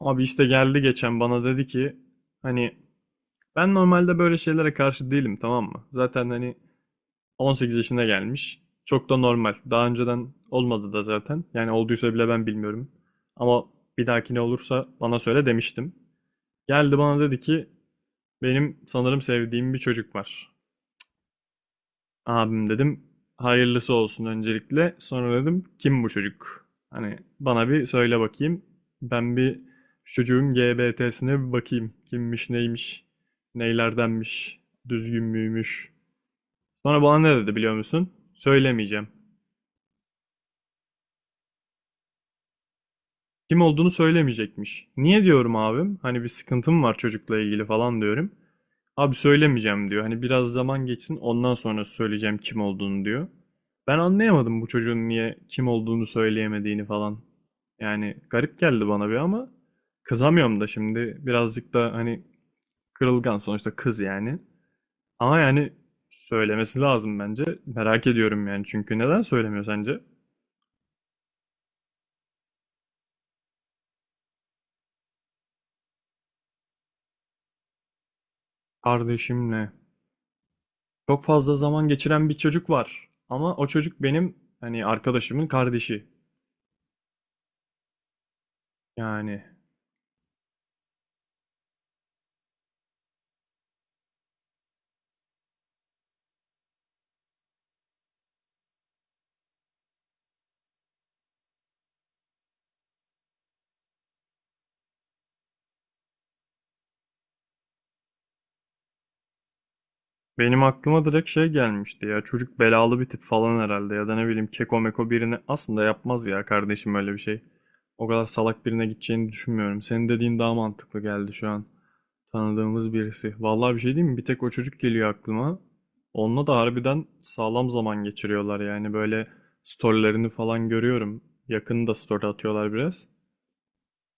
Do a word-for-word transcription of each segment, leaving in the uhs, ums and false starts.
Abi işte geldi geçen bana dedi ki hani ben normalde böyle şeylere karşı değilim, tamam mı? Zaten hani on sekiz yaşına gelmiş. Çok da normal. Daha önceden olmadı da zaten. Yani olduysa bile ben bilmiyorum. Ama bir dahakine olursa bana söyle demiştim. Geldi bana dedi ki benim sanırım sevdiğim bir çocuk var. Abim dedim hayırlısı olsun öncelikle. Sonra dedim kim bu çocuk? Hani bana bir söyle bakayım. Ben bir şu çocuğun G B T'sine bir bakayım. Kimmiş neymiş? Neylerdenmiş? Düzgün müymüş? Sonra bana ne dedi biliyor musun? Söylemeyeceğim. Kim olduğunu söylemeyecekmiş. Niye diyorum abim? Hani bir sıkıntım var çocukla ilgili falan diyorum. Abi söylemeyeceğim diyor. Hani biraz zaman geçsin ondan sonra söyleyeceğim kim olduğunu diyor. Ben anlayamadım bu çocuğun niye kim olduğunu söyleyemediğini falan. Yani garip geldi bana bir, ama kızamıyorum da şimdi birazcık da hani kırılgan sonuçta kız yani. Ama yani söylemesi lazım bence. Merak ediyorum yani, çünkü neden söylemiyor sence? Kardeşimle çok fazla zaman geçiren bir çocuk var. Ama o çocuk benim hani arkadaşımın kardeşi. Yani benim aklıma direkt şey gelmişti ya. Çocuk belalı bir tip falan herhalde ya da ne bileyim, keko meko birini aslında yapmaz ya kardeşim öyle bir şey. O kadar salak birine gideceğini düşünmüyorum. Senin dediğin daha mantıklı geldi şu an. Tanıdığımız birisi. Vallahi bir şey diyeyim mi? Bir tek o çocuk geliyor aklıma. Onunla da harbiden sağlam zaman geçiriyorlar yani, böyle storylerini falan görüyorum. Yakında story atıyorlar biraz.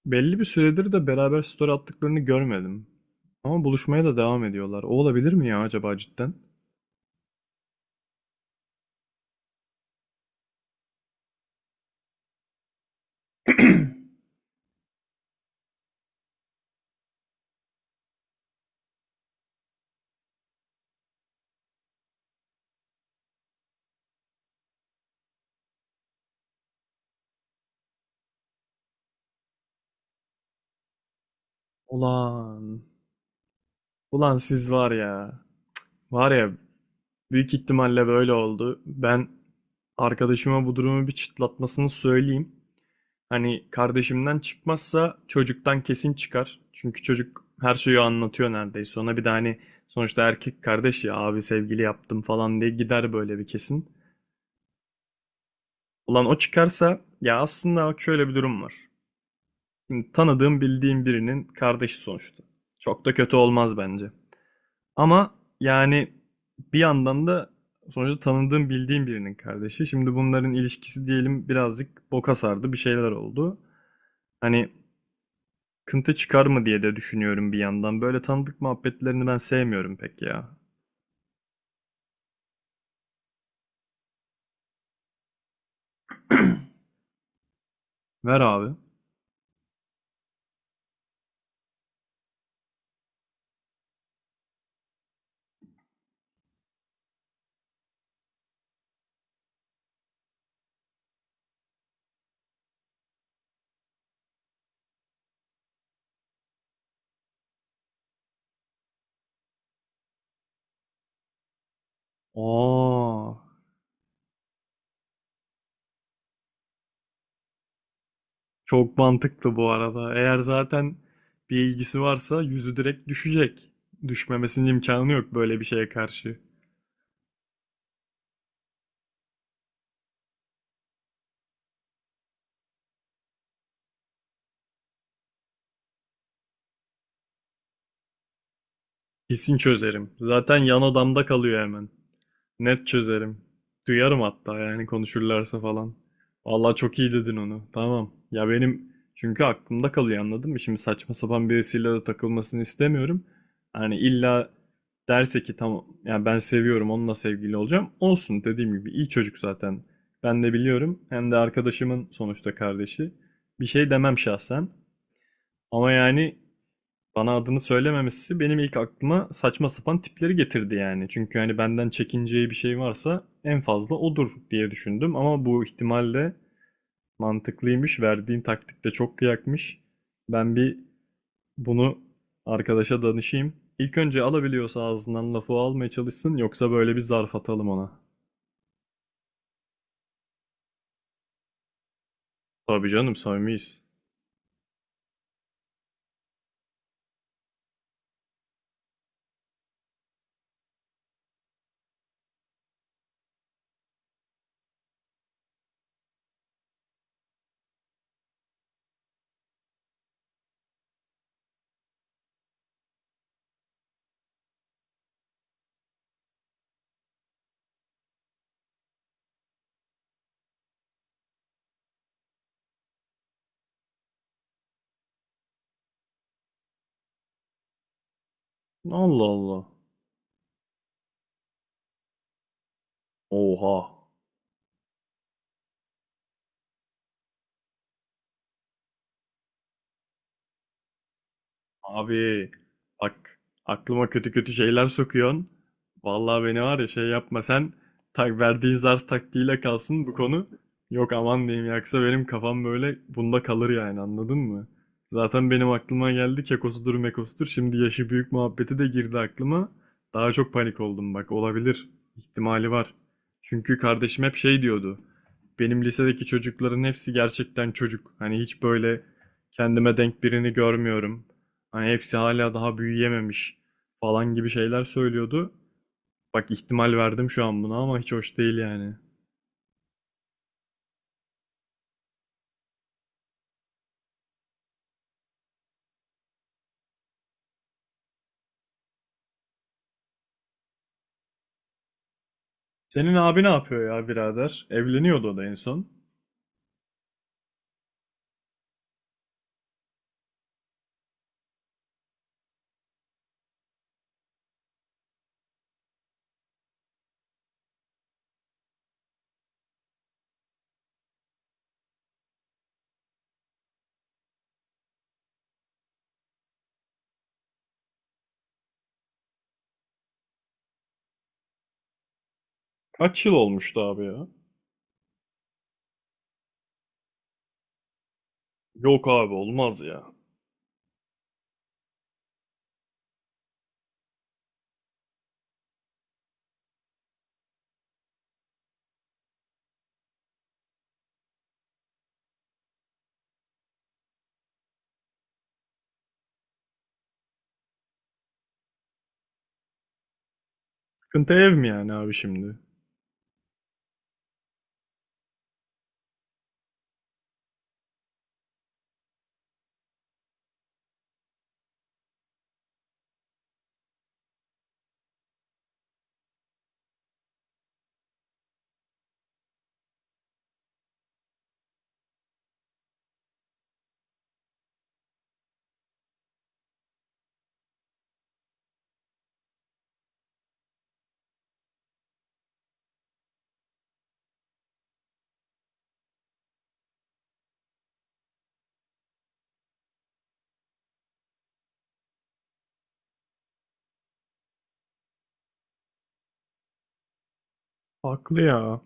Belli bir süredir de beraber story attıklarını görmedim. Ama buluşmaya da devam ediyorlar. O olabilir mi ya acaba cidden? Ulan, ulan siz var ya. Var ya, büyük ihtimalle böyle oldu. Ben arkadaşıma bu durumu bir çıtlatmasını söyleyeyim. Hani kardeşimden çıkmazsa çocuktan kesin çıkar. Çünkü çocuk her şeyi anlatıyor neredeyse. Ona bir de hani sonuçta erkek kardeş ya, abi sevgili yaptım falan diye gider böyle bir kesin. Ulan o çıkarsa ya, aslında bak şöyle bir durum var. Şimdi tanıdığım bildiğim birinin kardeşi sonuçta. Çok da kötü olmaz bence. Ama yani bir yandan da sonuçta tanıdığım bildiğim birinin kardeşi. Şimdi bunların ilişkisi diyelim birazcık boka sardı, bir şeyler oldu. Hani kıntı çıkar mı diye de düşünüyorum bir yandan. Böyle tanıdık muhabbetlerini ben sevmiyorum pek ya. Ver abi. Aa, çok mantıklı bu arada. Eğer zaten bir ilgisi varsa yüzü direkt düşecek. Düşmemesinin imkanı yok böyle bir şeye karşı. Kesin çözerim. Zaten yan odamda kalıyor hemen. Net çözerim. Duyarım hatta yani, konuşurlarsa falan. Vallahi çok iyi dedin onu. Tamam. Ya benim çünkü aklımda kalıyor, anladın mı? Şimdi saçma sapan birisiyle de takılmasını istemiyorum. Hani illa derse ki tamam ya ben seviyorum, onunla sevgili olacağım. Olsun, dediğim gibi iyi çocuk zaten. Ben de biliyorum. Hem de arkadaşımın sonuçta kardeşi. Bir şey demem şahsen. Ama yani bana adını söylememesi benim ilk aklıma saçma sapan tipleri getirdi yani. Çünkü hani benden çekineceği bir şey varsa en fazla odur diye düşündüm. Ama bu ihtimalle mantıklıymış. Verdiğin taktik de çok kıyakmış. Ben bir bunu arkadaşa danışayım. İlk önce alabiliyorsa ağzından lafı almaya çalışsın. Yoksa böyle bir zarf atalım ona. Tabii canım samimiyiz. Allah Allah. Oha. Abi bak, aklıma kötü kötü şeyler sokuyorsun. Vallahi beni var ya, şey yapma sen, tak verdiğin zar taktiğiyle kalsın bu konu. Yok, aman diyeyim, yaksa benim kafam böyle bunda kalır yani, anladın mı? Zaten benim aklıma geldi kekosudur mekosudur. Şimdi yaşı büyük muhabbeti de girdi aklıma. Daha çok panik oldum, bak olabilir. İhtimali var. Çünkü kardeşim hep şey diyordu. Benim lisedeki çocukların hepsi gerçekten çocuk. Hani hiç böyle kendime denk birini görmüyorum. Hani hepsi hala daha büyüyememiş falan gibi şeyler söylüyordu. Bak ihtimal verdim şu an buna, ama hiç hoş değil yani. Senin abi ne yapıyor ya birader? Evleniyordu o da en son. Kaç yıl olmuştu abi ya? Yok abi, olmaz ya. Sıkıntı ev mi yani abi şimdi? Haklı ya.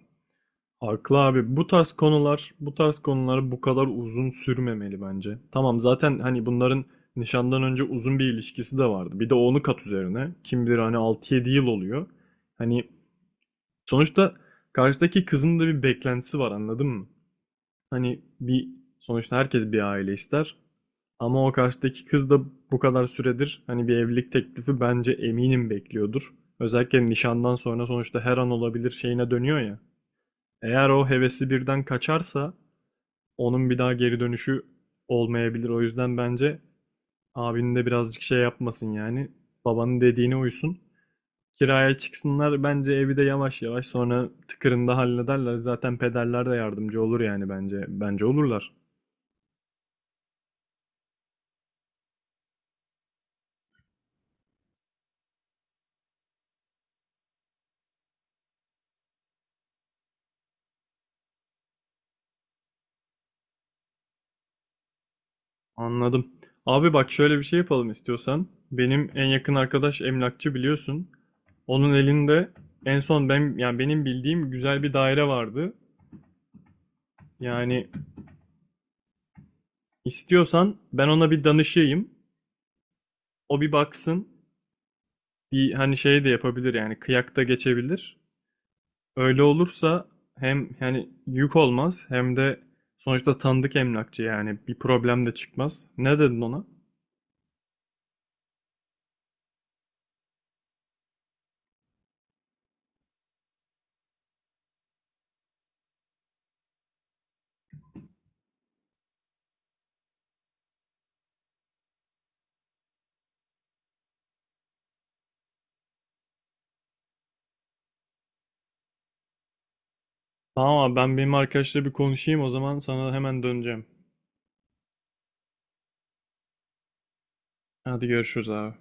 Haklı abi. Bu tarz konular, bu tarz konular bu kadar uzun sürmemeli bence. Tamam, zaten hani bunların nişandan önce uzun bir ilişkisi de vardı. Bir de onu kat üzerine. Kim bilir hani altı yedi yıl oluyor. Hani sonuçta karşıdaki kızın da bir beklentisi var, anladın mı? Hani bir, sonuçta herkes bir aile ister. Ama o karşıdaki kız da bu kadar süredir hani bir evlilik teklifi bence eminim bekliyordur. Özellikle nişandan sonra sonuçta her an olabilir şeyine dönüyor ya. Eğer o hevesi birden kaçarsa onun bir daha geri dönüşü olmayabilir. O yüzden bence abinin de birazcık şey yapmasın yani. Babanın dediğine uysun. Kiraya çıksınlar, bence evi de yavaş yavaş sonra tıkırında hallederler. Zaten pederler de yardımcı olur yani, bence. Bence olurlar. Anladım. Abi bak, şöyle bir şey yapalım istiyorsan. Benim en yakın arkadaş emlakçı, biliyorsun. Onun elinde en son ben, yani benim bildiğim güzel bir daire vardı. Yani istiyorsan ben ona bir danışayım. O bir baksın. Bir hani şey de yapabilir yani, kıyak da geçebilir. Öyle olursa hem yani yük olmaz, hem de sonuçta tanıdık emlakçı, yani bir problem de çıkmaz. Ne dedin ona? Tamam abi, ben benim arkadaşla bir konuşayım o zaman sana hemen döneceğim. Hadi görüşürüz abi.